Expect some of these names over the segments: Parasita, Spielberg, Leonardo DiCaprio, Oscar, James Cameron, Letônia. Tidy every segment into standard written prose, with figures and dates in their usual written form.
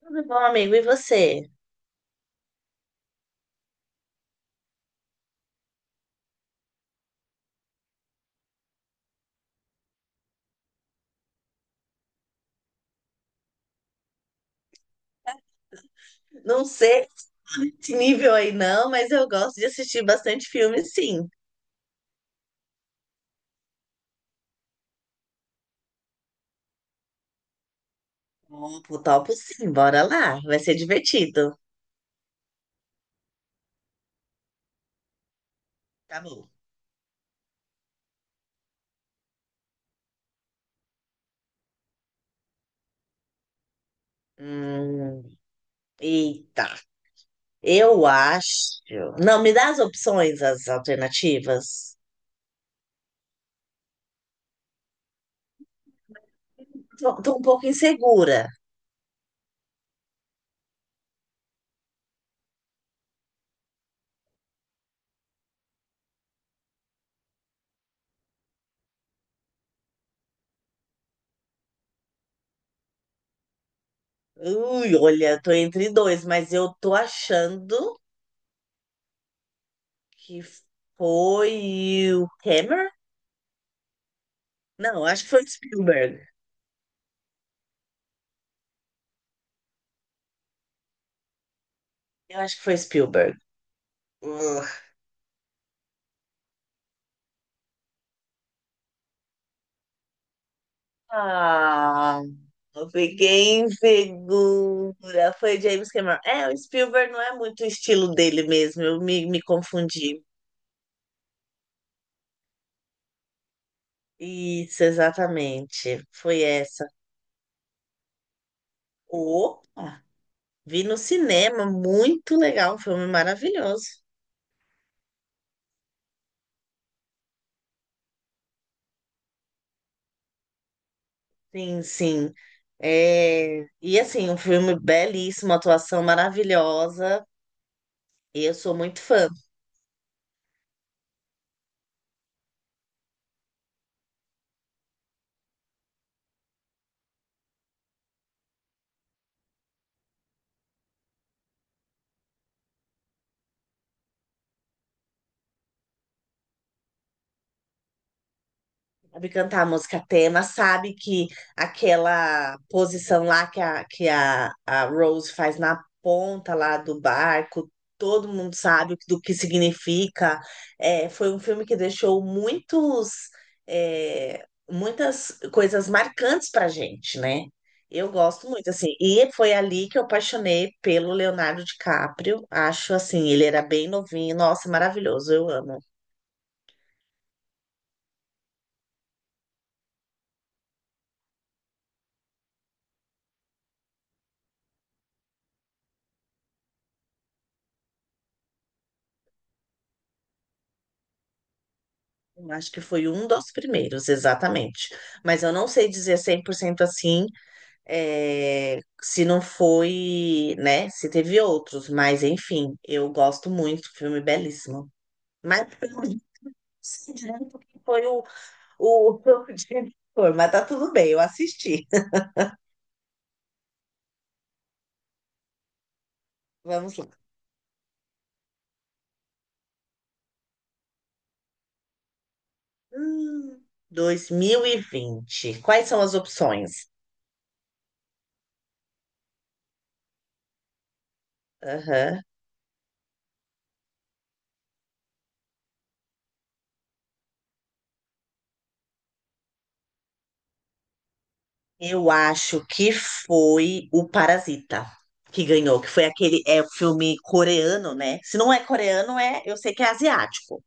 Tudo bom, amigo? E você? Não sei esse nível aí não, mas eu gosto de assistir bastante filme, sim. Topo, topo, sim. Bora lá. Vai ser divertido. Tá bom. Hum, eita. Eu acho... Não, me dá as opções, as alternativas. Tô um pouco insegura. Ui, olha, tô entre dois, mas eu tô achando que foi o Hammer? Não, acho que foi o Spielberg. Eu acho que foi Spielberg. Ah, eu fiquei insegura. Foi James Cameron. É, o Spielberg não é muito o estilo dele mesmo. Eu me confundi. Isso, exatamente. Foi essa. Opa! Vi no cinema. Muito legal. Um filme maravilhoso. Sim, sim. É, e assim, um filme belíssimo, atuação maravilhosa. E eu sou muito fã. Sabe cantar a música tema, sabe que aquela posição lá que a Rose faz na ponta lá do barco, todo mundo sabe do que significa. É, foi um filme que deixou muitos, é, muitas coisas marcantes pra gente, né? Eu gosto muito, assim, e foi ali que eu apaixonei pelo Leonardo DiCaprio. Acho assim, ele era bem novinho, nossa, maravilhoso, eu amo. Eu acho que foi um dos primeiros, exatamente. Mas eu não sei dizer cem por cento assim, é, se não foi, né? Se teve outros, mas enfim, eu gosto muito, filme belíssimo. Mas eu não sei direito quem foi o, o diretor, mas tá tudo bem, eu assisti. Vamos lá. Hum, 2020. Quais são as opções? Aham. Eu acho que foi o Parasita que ganhou, que foi aquele é o filme coreano, né? Se não é coreano, é, eu sei que é asiático.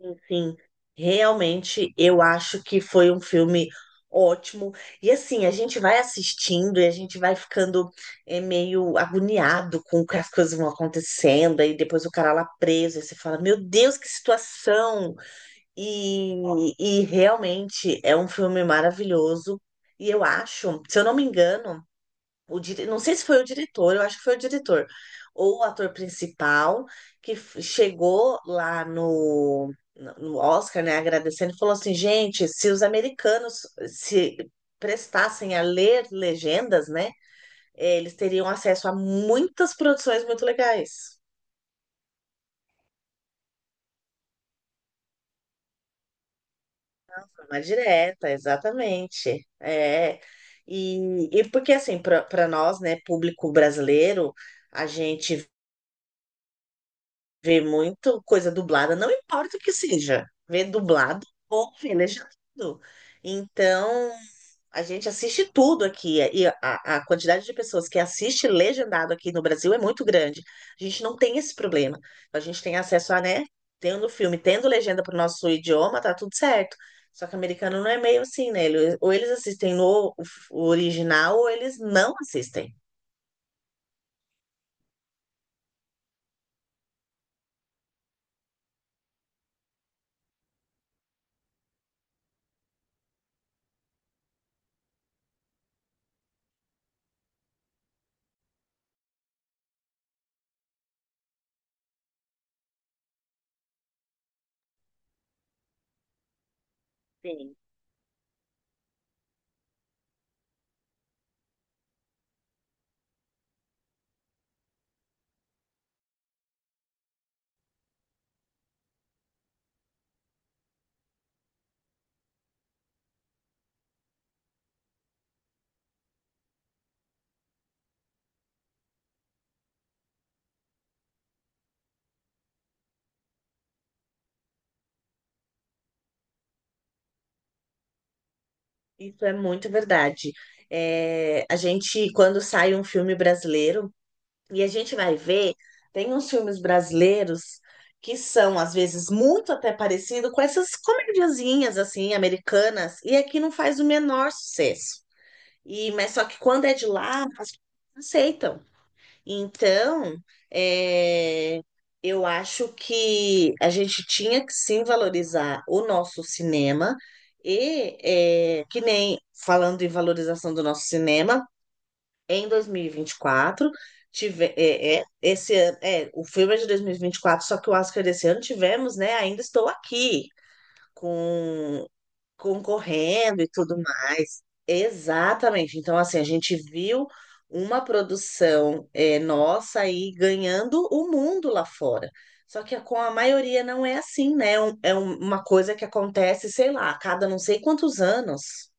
Enfim, realmente eu acho que foi um filme ótimo. E assim, a gente vai assistindo e a gente vai ficando meio agoniado com o que as coisas vão acontecendo, aí depois o cara lá preso, aí você fala, meu Deus, que situação! E, e realmente é um filme maravilhoso. E eu acho, se eu não me engano, não sei se foi o diretor, eu acho que foi o diretor, ou o ator principal, que chegou lá no Oscar, né, agradecendo, e falou assim: gente, se os americanos se prestassem a ler legendas, né, eles teriam acesso a muitas produções muito legais. Uma direta, exatamente. É. E porque, assim, para nós, né, público brasileiro, a gente vê muito coisa dublada, não importa o que seja, vê dublado ou vê legendado. Então, a gente assiste tudo aqui, e a quantidade de pessoas que assiste legendado aqui no Brasil é muito grande. A gente não tem esse problema. A gente tem acesso a, né? Tendo filme, tendo legenda para o nosso idioma, tá tudo certo. Só que o americano não é meio assim, né? Ou eles assistem no o original, ou eles não assistem. Sim. Isso é muito verdade. É, a gente, quando sai um filme brasileiro, e a gente vai ver, tem uns filmes brasileiros que são, às vezes, muito até parecido com essas comediazinhas, assim, americanas, e aqui não faz o menor sucesso. Mas só que quando é de lá, as pessoas aceitam. Então, é, eu acho que a gente tinha que sim valorizar o nosso cinema, e que nem falando em valorização do nosso cinema em dois mil e vinte e quatro. Tive, esse ano, o filme é de dois mil e vinte e quatro, só que o Oscar desse ano tivemos, né? Ainda estou aqui, com concorrendo e tudo mais. Exatamente. Então, assim, a gente viu uma produção nossa aí ganhando o mundo lá fora. Só que com a maioria não é assim, né? Uma coisa que acontece, sei lá, a cada não sei quantos anos.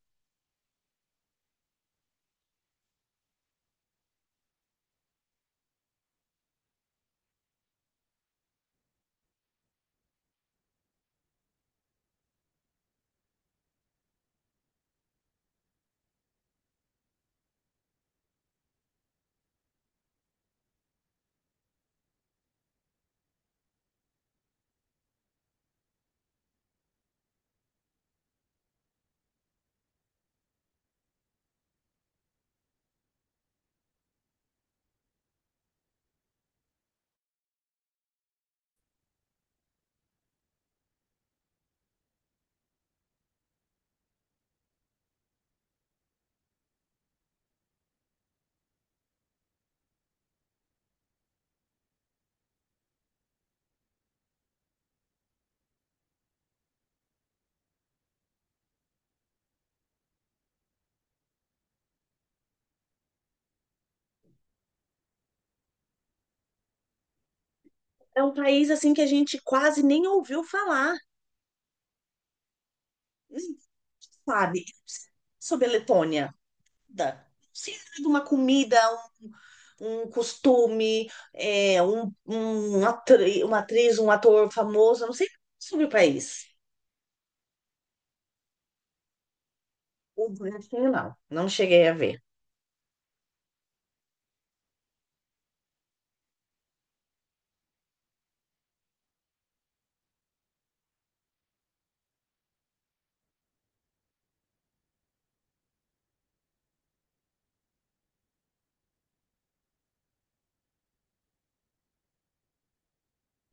É um país assim que a gente quase nem ouviu falar, sabe? Sobre a Letônia. Não de uma comida, um costume, uma atriz, um ator famoso, eu não sei sobre o país. O Brasil, não, não cheguei a ver.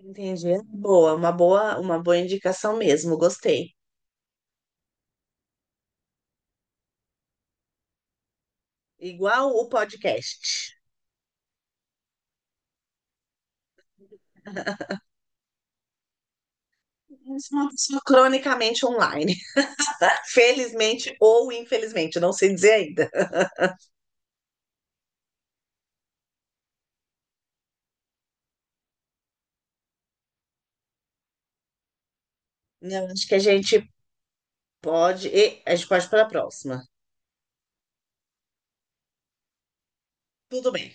Entendi. Boa, uma boa indicação mesmo, gostei. Igual o podcast. Eu sou uma pessoa cronicamente online. Felizmente ou infelizmente, não sei dizer ainda. Não, acho que a gente pode para a próxima. Tudo bem.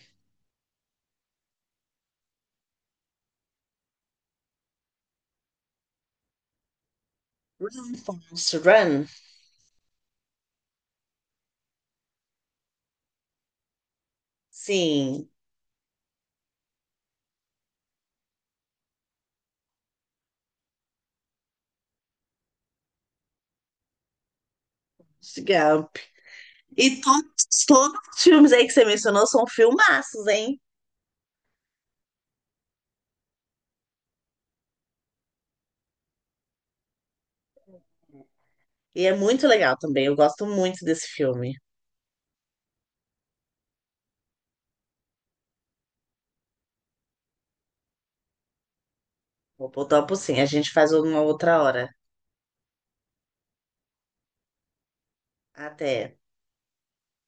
Run, Forrest, Run. Sim, legal. E todos os filmes aí que você mencionou são filmaços, hein? E é muito legal também. Eu gosto muito desse filme. Vou botar por sim. A gente faz uma outra hora. Até.